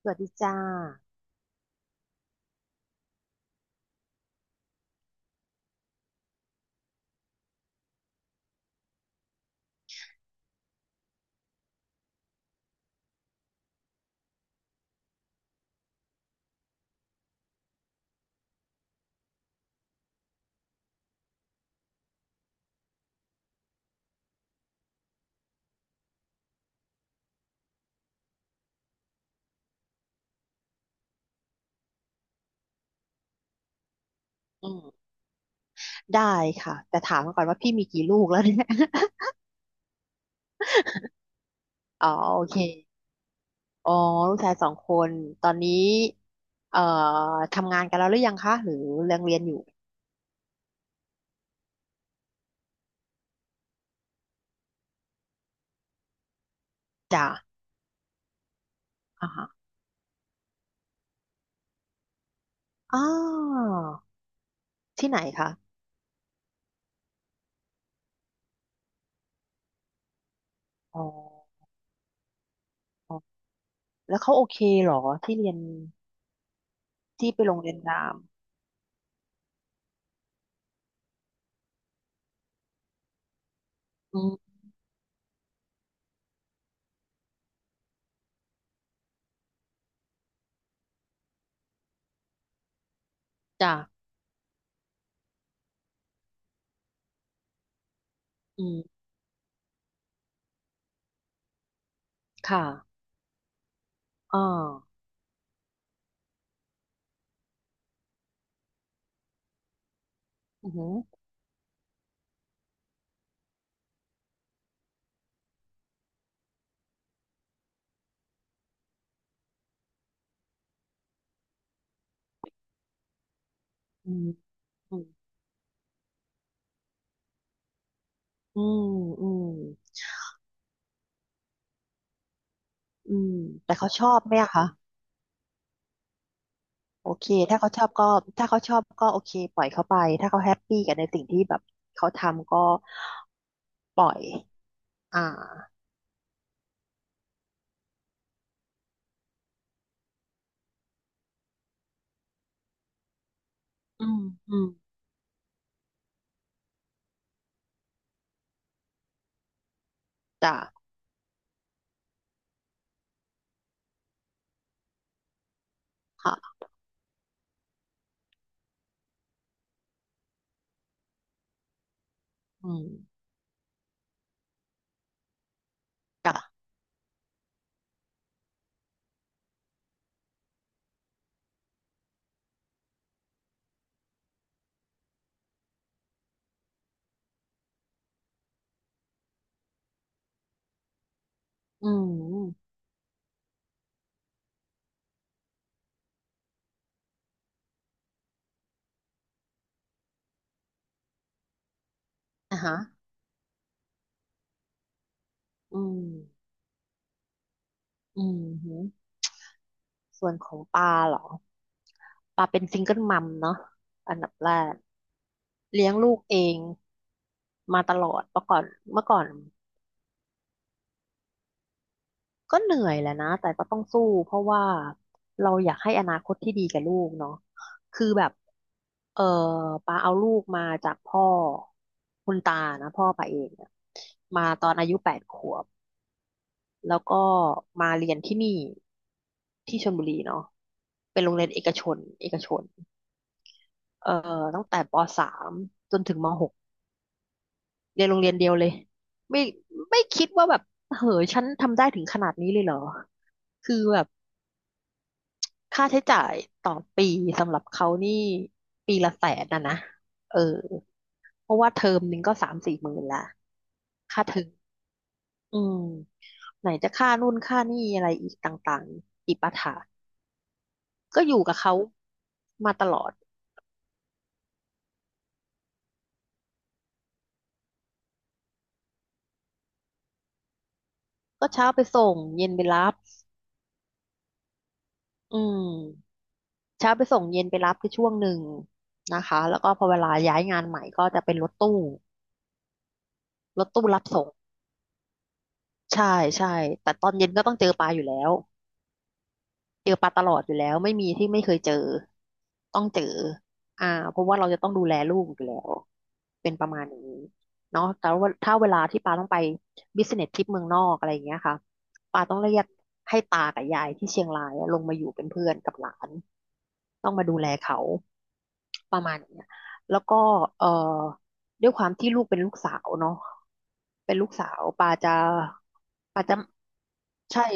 สวัสดีจ้าอืมได้ค่ะ แต่ถามก่อนว่าพี่มีกี่ลูกแล้วเนี่ย อ๋อโอเคอ๋อลูกชายสองคน ตอนนี้ เอ่อทำงานกันแล้วหรือยังคะ หรือยังเรียนอยู่จ้าอ่าฮะอ้าวที่ไหนคะอ๋ออ๋อแล้วเขาโอเคเหรอที่เรียนที่ไปโรงเรียนรามอืมจ้าอืมค่ะอ่าอือหืออืมอืมอืม อืม อืม แต่เขาชอบไหมอะคะ โอเคถ้าเขาชอบก็ถ้าเขาชอบก็โอเคปล่อยเขาไป ถ้าเขาแฮปปี้กับในสิ่งที่แบบเขาทำก็ปล่อย อ่า อืม อืมจ้ะค่ะอืมจ้ะอืมอ่ะฮะอืม อืมหือส่วนของปลาเหรอปลาเป็นซิงเกิลมัมเนาะอันดับแรกเลี้ยงลูกเองมาตลอดเมื่อก่อน ก็เหนื่อยแหละนะแต่ก็ต้องสู้เพราะว่าเราอยากให้อนาคตที่ดีกับลูกเนาะคือแบบเออปาเอาลูกมาจากพ่อคุณตานะพ่อปาเองเนี่ยมาตอนอายุ8 ขวบแล้วก็มาเรียนที่นี่ที่ชลบุรีเนาะเป็นโรงเรียนเอกชนเอกชนเอ่ตั้งแต่ป.3จนถึงมหกเรียนโรงเรียนเดียวเลยไม่ไม่คิดว่าแบบเหอฉันทำได้ถึงขนาดนี้เลยเหรอคือแบบ ค่าใช้จ่ายต่อปีสำหรับเขานี่ปีละ 100,000นะนะเออเพราะว่าเทอมหนึ่งก็3-4 หมื่นละค่าเทอมอืมไหนจะค่านู่นค่านี่อะไรอีกต่างๆอีกปะถะก็อยู่กับเขามาตลอด ก็เช้าไปส่งเย็นไปรับอืมเช้าไปส่งเย็นไปรับคือช่วงหนึ่งนะคะแล้วก็พอเวลาย้ายงานใหม่ก็จะเป็นรถตู้รถตู้รับส่งใช่ใช่ แต่ตอนเย็นก็ต้องเจอปลาอยู่แล้ว เจอปลาตลอดอยู่แล้วไม่มีที่ไม่เคยเจอต้องเจออ่าเพราะว่าเราจะต้องดูแลลูกอยู่แล้วเป็นประมาณนี้เนาะแต่ว่าถ้าเวลาที่ปาต้องไปบิสเนสทริปเมืองนอกอะไรอย่างเงี้ยค่ะปาต้องเรียกให้ตากับยายที่เชียงรายอะลงมาอยู่เป็นเพื่อนกับหลานต้องมาดูแลเขา ประมาณเนี้ยแล้วก็เอ่อด้วยความที่ลูกเป็นลูกสาวเนาะเป็นลูกสาวปาจะใช่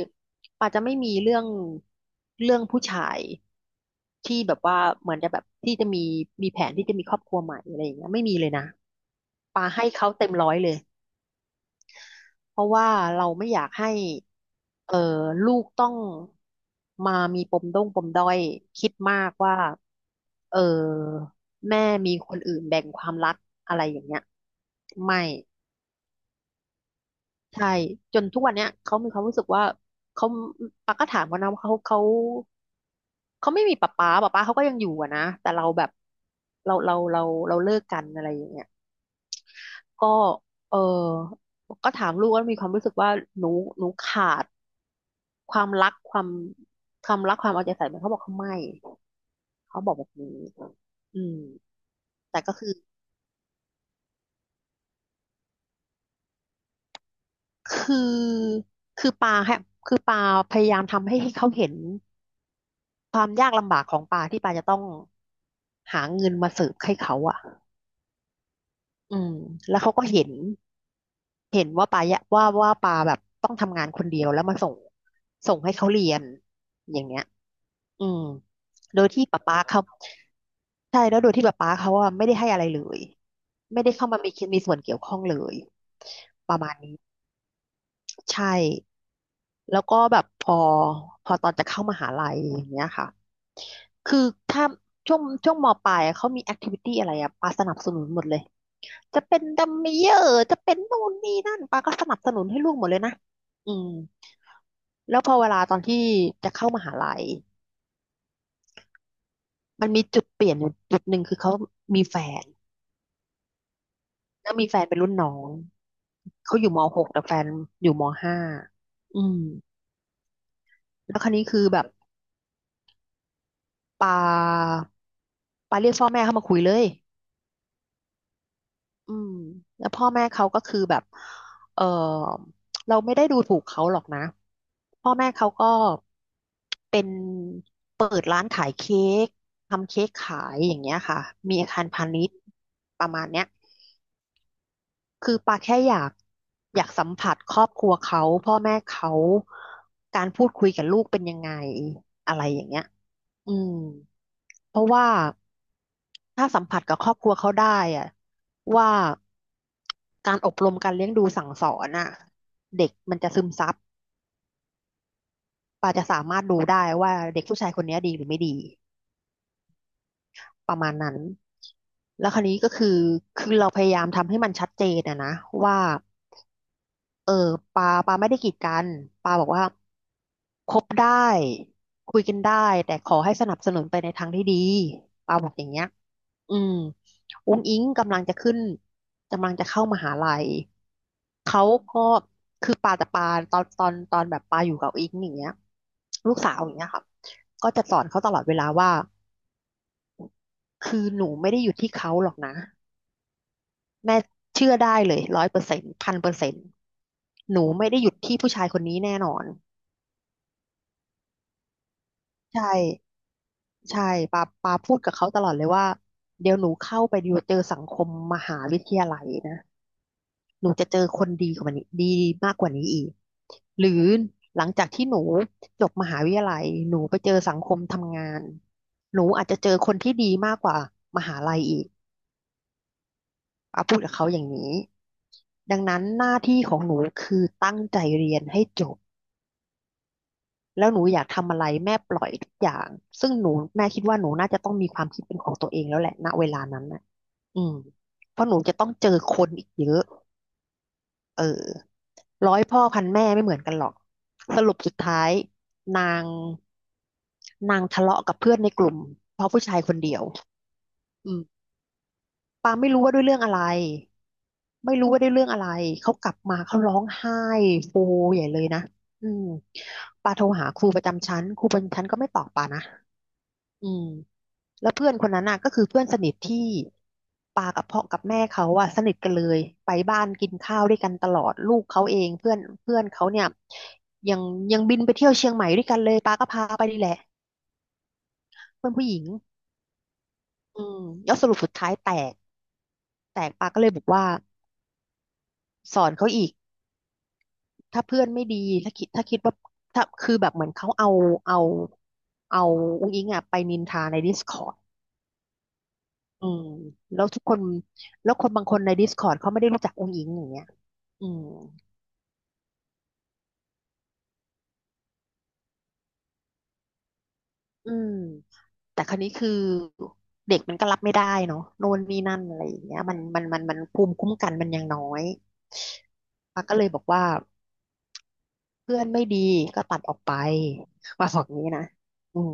ปาจะไม่มีเรื่องผู้ชายที่แบบว่าเหมือนจะแบบที่จะมีแผนที่จะมีครอบครัวใหม่อะไรอย่างเงี้ยไม่มีเลยนะปาให้เขาเต็มร้อยเลย เพราะว่าเราไม่อยากให้เอ่อลูกต้องมามีปมด้งปมด้อยคิดมากว่าเออแม่มีคนอื่นแบ่งความรักอะไรอย่างเงี้ยไม่ใช่จนทุกวันเนี้ยเขามีความรู้สึกว่าเขาปักก็ถามเขานะว่าเขาไม่มีป๊าเขาก็ยังอยู่อะนะแต่เราแบบเราเราเราเราเลิกกันอะไรอย่างเงี้ยก็เออก็ถามลูกว่ามีความรู้สึกว่าหนูหนูขาด ความรักความความรักความเอาใจใส่มันเขาบอกเขาไม่เขาบอกแบบนี้อืมแต่ก็คือคือปาฮะคือปาพยายามทำให้เขาเห็นความยากลำบากของปาที่ปาจะต้องหาเงินมาเสิร์ฟให้เขาอ่ะอืมแล้วเขาก็เห็นว่าปายะว่าปาแบบต้องทำงานคนเดียวแล้วมาส่งให้เขาเรียนอย่างเงี้ย อืมโดยที่ป๊าป๊าเขาใช่แล้วโดยที่ป๊าป๊าเขาอ่ะไม่ได้ให้อะไรเลยไม่ได้เข้ามามีส่วนเกี่ยวข้องเลยประมาณนี้ใช่แล้วก็แบบพอตอนจะเข้ามหาลัยอย่างเงี้ยค่ะคือถ้าช่วงมปลายอะเขามีแอคทิวิตี้อะไรอะปาสนับสนุนหมดเลยจะเป็นดัมเมเยอร์จะเป็นนู่นนี่นั่นปาก็สนับสนุนให้ลูกหมดเลยนะอืมแล้วพอเวลาตอนที่จะเข้ามหาลัย มันมีจุดเปลี่ยนอยู่จุดหนึ่งคือเขามีแฟนแล้วมีแฟนเป็นรุ่นน้องเขาอยู่มหกแต่แฟนอยู่ม.5อืมแล้วคราวนี้คือแบบปาปาเรียกพ่อแม่เข้ามาคุยเลยอืมแล้วพ่อแม่เขาก็คือแบบเออเราไม่ได้ดูถูกเขาหรอกนะพ่อแม่เขาก็เป็นเค้กทำเค้กขายอย่างเงี้ยค่ะมีอาคารพาณิชย์ประมาณเนี้ย คือปาแค่อยากสัมผัสครอบครัวเขาพ่อแม่เขาการพูดคุยกับลูกเป็นยังไงอะไรอย่างเงี้ยอืมเพราะว่าถ้าสัมผัสกับครอบครัวเขาได้อะว่าการอบรมการเลี้ยงดูสั่งสอนน่ะเด็กมันจะซึมซับปาจะสามารถดูได้ว่าเด็กผู้ชายคนเนี้ยดีหรือไม่ดีประมาณนั้นแล้วคราวนี้ก็คือคือเราพยายามทำให้มันชัดเจนอะนะว่า เออปาไม่ได้กีดกันปาบอกว่าคบได้คุยกันได้แต่ขอให้สนับสนุนไปในทางที่ดีปาบอกอย่างเงี้ยอืมอุ้งอิงกำลังจะขึ้นกำลังจะเข้ามหาลัยเขาก็คือปาตอนแบบปาอยู่กับอิงอย่างเงี้ยลูกสาวอย่างเงี้ยค่ะก็จะสอนเขาตลอดเวลาว่าคือหนูไม่ได้อยู่ที่เขาหรอกนะแม่เชื่อได้เลย100%1000%หนูไม่ได้หยุดที่ผู้ชายคนนี้แน่นอน ใช่ใช่ปาพูดกับเขาตลอดเลยว่าเดี๋ยวหนูเข้าไปอยู่เจอสังคมมหาวิทยาลัยนะหนูจะเจอคนดีกว่านี้ดีมากกว่านี้อีกหรือหลังจากที่หนูจบมหาวิทยาลัยหนูไปเจอสังคมทำงานหนูอาจจะเจอคนที่ดีมากกว่ามหาลัยอีกปาพูดกับเขาอย่างนี้ดังนั้นหน้าที่ของหนูคือตั้งใจเรียนให้จบ แล้วหนูอยากทำอะไรแม่ปล่อยทุกอย่าง ซึ่งหนูแม่คิดว่าหนูน่าจะต้องมีความคิดเป็นของตัวเองแล้วแหละณเวลานั้นนะอืมเพราะหนูจะต้องเจอคนอีกเยอะเออร้อยพ่อพันแม่ไม่เหมือนกันหรอก สรุปสุดท้ายนางนางทะเลาะกับเพื่อนในกลุ่มเพราะผู้ชายคนเดียวอืมปาไม่รู้ว่าด้วยเรื่องอะไร ไม่รู้ว่าด้วยเรื่องอะไร เขากลับมาเขาร้องไห้โฮใหญ่เลยนะอืมปาโทรหาครูประจำชั้นครูประจำชั้นก็ไม่ตอบปานะ อืมแล้วเพื่อนคนนั้นน่ะก็คือเพื่อนสนิทที่ปากับพ่อกับแม่เขาอะสนิทกันเลยไปบ้านกินข้าวด้วยกันตลอดลูกเขาเองเพื่อนเพื่อนเขาเนี่ยยังยังบินไปเที่ยวเชียงใหม่ด้วยกันเลยปาก็พาไปนี่แหละเพื่อนผู้หญิงอืมแล้วสรุปสุดท้ายแตกแตกปาก็เลยบอกว่าสอนเขาอีกถ้าเพื่อนไม่ดีถ้าคิดว่าถ้าคือแบบเหมือนเขาเอาเอาเอาอุ้งอิงอะไปนินทาใน Discord อืมแล้วทุกคนแล้วคนบางคนใน Discord เขาไม่ได้รู้จักองค์หญิงอย่างเงี้ยอืมอืมแต่คราวนี้คือเด็กมันก็รับไม่ได้เนาะโน่นนี่นั่นอะไรอย่างเงี้ยมันภูมิคุ้มกันมันยังน้อยป้าก็เลยบอกว่าเพื่อนไม่ดีก็ตัดออกไปว่าบอกงี้นะอืม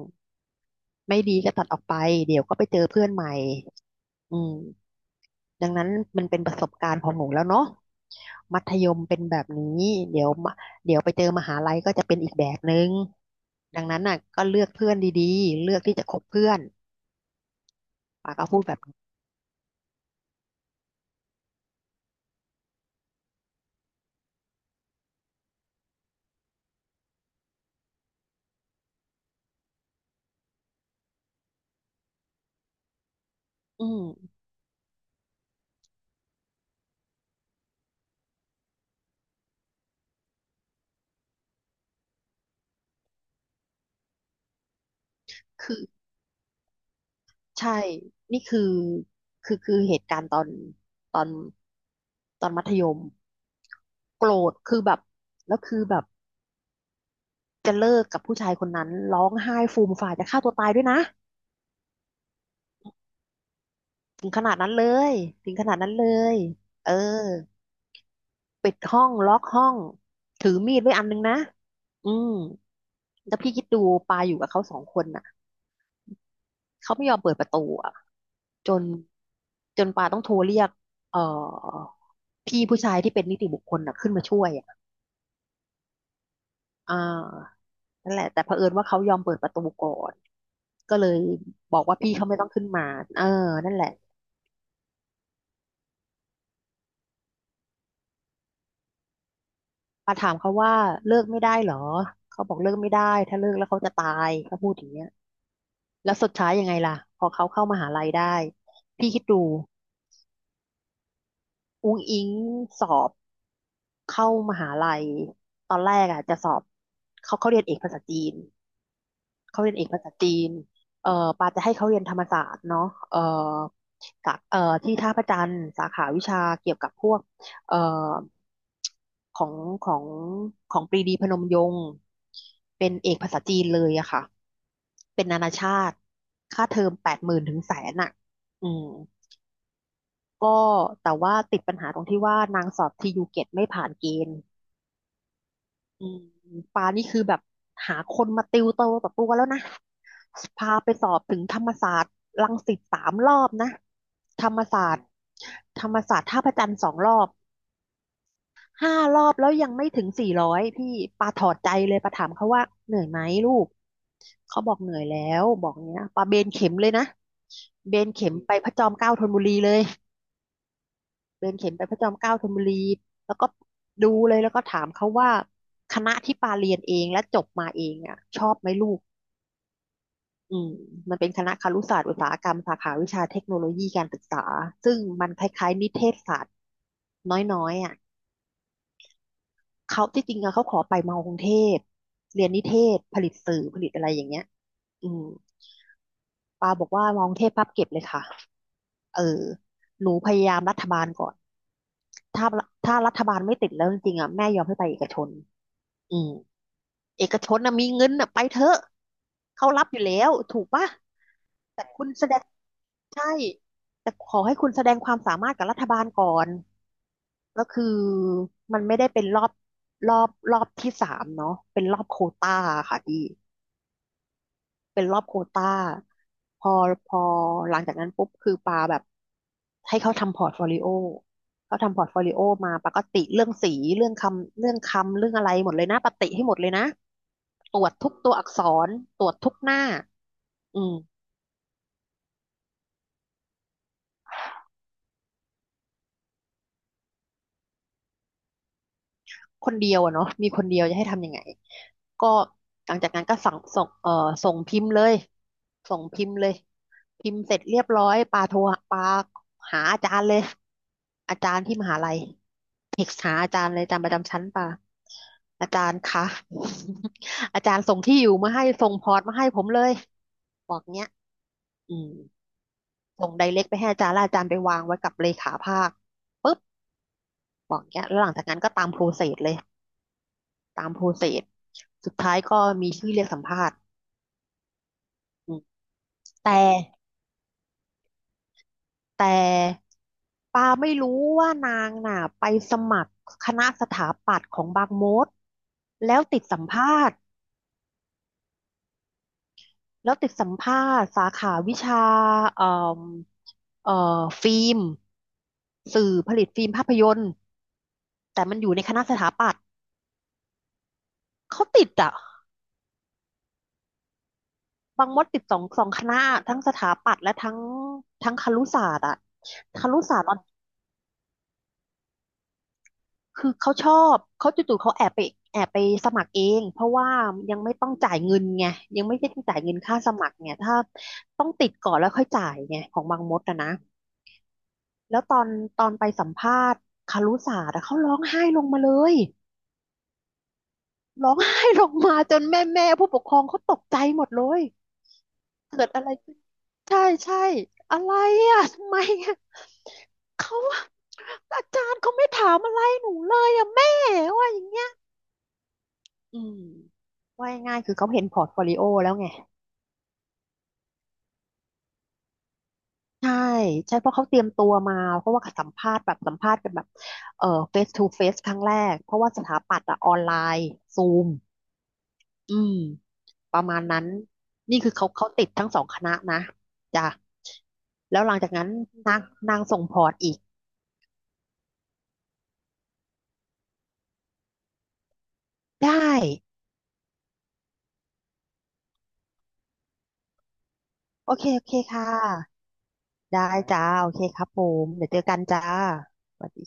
ไม่ดีก็ตัดออกไปเดี๋ยวก็ไปเจอเพื่อนใหม่อืมดังนั้นมันเป็นประสบการณ์ของหนูแล้วเนาะมัธยมเป็นแบบนี้เดี๋ยวมาเดี๋ยวไปเจอมหาลัยก็จะเป็นอีกแบบนึง ดังนั้นน่ะก็เลือกเพื่อนดีๆเลือกที่จะคบเพื่อนป้าก็พูดแบบนี้อืมคือใช่นี่คือคือเหตุการณ์ตอนตอนมัธยมโกรธคือแบบแล้วคือแบบจะเลิกกับผู้ชายคนนั้นร้องไห้ฟูมฝ่ายจะฆ่าตัวตายด้วยนะถึงขนาดนั้นเลยถึงขนาดนั้นเลยเออปิดห้องล็อกห้องถือมีดไว้อันนึงนะอืมแล้วพี่คิดดูปาอยู่กับเขาสองคนน่ะเขาไม่ยอมเปิดประตูอ่ะ จนจนปาต้องโทรเรียกเอ่อพี่ผู้ชายที่เป็นนิติบุคคลน่ะขึ้นมาช่วยอ่ะอ่านั่นแหละแต่เผอิญว่าเขายอมเปิดประตูก่อนก็เลยบอกว่าพี่เขาไม่ต้องขึ้นมาเออนั่นแหละปาถามเขาว่าเลิกไม่ได้เหรอเขาบอกเลิกไม่ได้ถ้าเลิกแล้วเขาจะตายเขาพูดอย่างเงี้ยแล้วสุดท้ายยังไงล่ะพอเขาเข้ามหาลัยได้พี่คิดดูอุ้งอิงสอบเข้ามหาลัยตอนแรกอ่ะจะสอบเขาเรียนเอกภาษาจีน เขาเรียนเอกภาษาจีนเอ่อปาจะให้เขาเรียนธรรมศาสตร์เนาะเอ่อสาเอ่อที่ท่าพระจันทร์สาขาวิชาเกี่ยวกับพวกเอ่อของของของปรีดีพนมยงค์เป็นเอกภาษาจีนเลยอะค่ะ เป็นนานาชาติ ค่าเทอม80,000ถึง100,000อะอืมก็แต่ว่าติดปัญหาตรงที่ว่านางสอบTU-GETไม่ผ่านเกณฑ์ อืมปานี่คือแบบหาคนมาติวเตอร์กับตัวแล้วนะพาไปสอบถึงธรรมศาสตร์รังสิต3 รอบนะธรรมศาสตร์ธรรมศาสตร์ท่าพระจันทร์2 รอบ5 รอบแล้วยังไม่ถึง400พี่ปาถอดใจเลยปาถามเขาว่าเหนื่อยไหมลูกเขาบอกเหนื่อยแล้วบอกเนี้ยปาเบนเข็มเลยนะเบนเข็มไปพระจอมเกล้าธนบุรีเลย เดินเข็นไปพระจอมเกล้าธนบุรีแล้วก็ดูเลยแล้วก็ถามเขาว่าคณะที่ปาเรียนเองและจบมาเองอ่ะชอบไหมลูกอืมมันเป็นคณะครุศาสตร์อุตสาหกรรมสาขาวิชาเทคโนโลยีการศึกษาซึ่งมันคล้ายๆนิเทศศาสตร์น้อยๆอ่ะเขาที่จริงอะเขาขอไปมอกรุงเทพเรียนนิเทศผลิตสื่อผลิตอะไรอย่างเงี้ยอืมปาบอกว่ามอกรุงเทพพับเก็บเลยค่ะเออหนูพยายามรัฐบาลก่อนถ้าถ้ารัฐบาลไม่ติดแล้วจริงๆอ่ะแม่ยอมให้ไปเอกชนอืม เอกชนนะมีเงินนะไปเถอะเขารับอยู่แล้วถูกปะแต่คุณแสดงใช่แต่ขอให้คุณแสดงความสามารถกับรัฐบาลก่อนแล้วคือมันไม่ได้เป็นรอบรอบที่สามเนาะเป็นรอบโควต้าค่ะพี่ เป็นรอบโควต้าพอพอหลังจากนั้นปุ๊บคือปาแบบให้เขาทำพอร์ตโฟลิโอเขาทำพอร์ตโฟลิโอมาปาก็ติเรื่องสีเรื่องคำเรื่องอะไรหมดเลยนะปาติให้หมดเลยนะตรวจทุกตัวอักษรตรวจทุกหน้าอืมคนเดียวอะเนาะมีคนเดียวจะให้ทำยังไงก็หลังจากนั้นก็สั่งส่งส่งพิมพ์เลยส่งพิมพ์เลยพิมพ์เสร็จเรียบร้อยปาโทรปาหาอาจารย์เลยอาจารย์ที่มหาลัย เอกหาอาจารย์เลยอาจารย์ประจำชั้นป่ะอาจารย์คะ อาจารย์ส่งที่อยู่มาให้ส่งพอร์ตมาให้ผมเลยบอกเนี้ยอืมส่งไดเรกไปให้อาจารย์แล้วอาจารย์ไปวางไว้กับเลขาภาคปุ๊บบอกเนี้ยแล้วหลังจากนั้นก็ตามโปรเซสเลยตามโปรเซสสุดท้ายก็มีชื่อเรียกสัมภาษณ์อืมแต่แต่ปาไม่รู้ว่านางน่ะไปสมัครคณะสถาปัตย์ของบางมดแล้วติดสัมภาษณ์ แล้วติดสัมภาษณ์สาขาวิชาเอ่อเอ่อฟิล์มสื่อผลิตฟิล์มภาพยนตร์แต่มันอยู่ในคณะสถาปัตย์เขาติดอ่ะบางมดติดสองสองคณะทั้งสถาปัตย์และทั้งทั้งครุศาสตร์อ่ะครุศาสตร์ตอนคือเขาชอบเขาจู่ๆเขาแอบไปแอบไปสมัครเองเพราะว่ายังไม่ต้องจ่ายเงินไงยังไม่ได้ต้องจ่ายเงินค่าสมัครไงถ้าต้องติดก่อนแล้วค่อยจ่ายไงของบางมดอะนะ แล้วตอนไปสัมภาษณ์คารุศาสตร์อะเขาร้องไห้ลงมาเลยร้องไห้ลงมาจนแม่ผู้ปกครองเขาตกใจหมดเลยเกิดอะไรขึ้นใช่ใช่อะไรอะทำไมอะอาจารย์เขาไม่ถามอะไรหนูเลยอะแม่ว่าอย่างเงี้ยอืมว่าง่ายๆคือเขาเห็นพอร์ตโฟลิโอแล้วไงใช่ใช่เพราะเขาเตรียมตัวมาเพราะว่าสัมภาษณ์แบบสัมภาษณ์กันแบบเอ่อเฟสทูเฟสครั้งแรกเพราะว่าสถาปัตย์อะออนไลน์ซูมอืม ประมาณนั้นนี่คือเขาเขาติดทั้งสองคณะนะจ้ะแล้วหลังจากนั้นนางนางส่งพอร์ตอีกได้โอเคโอเคค่ะได้จ้าโอเคครับผมเดี๋ยวเจอกันจ้าสวัสดี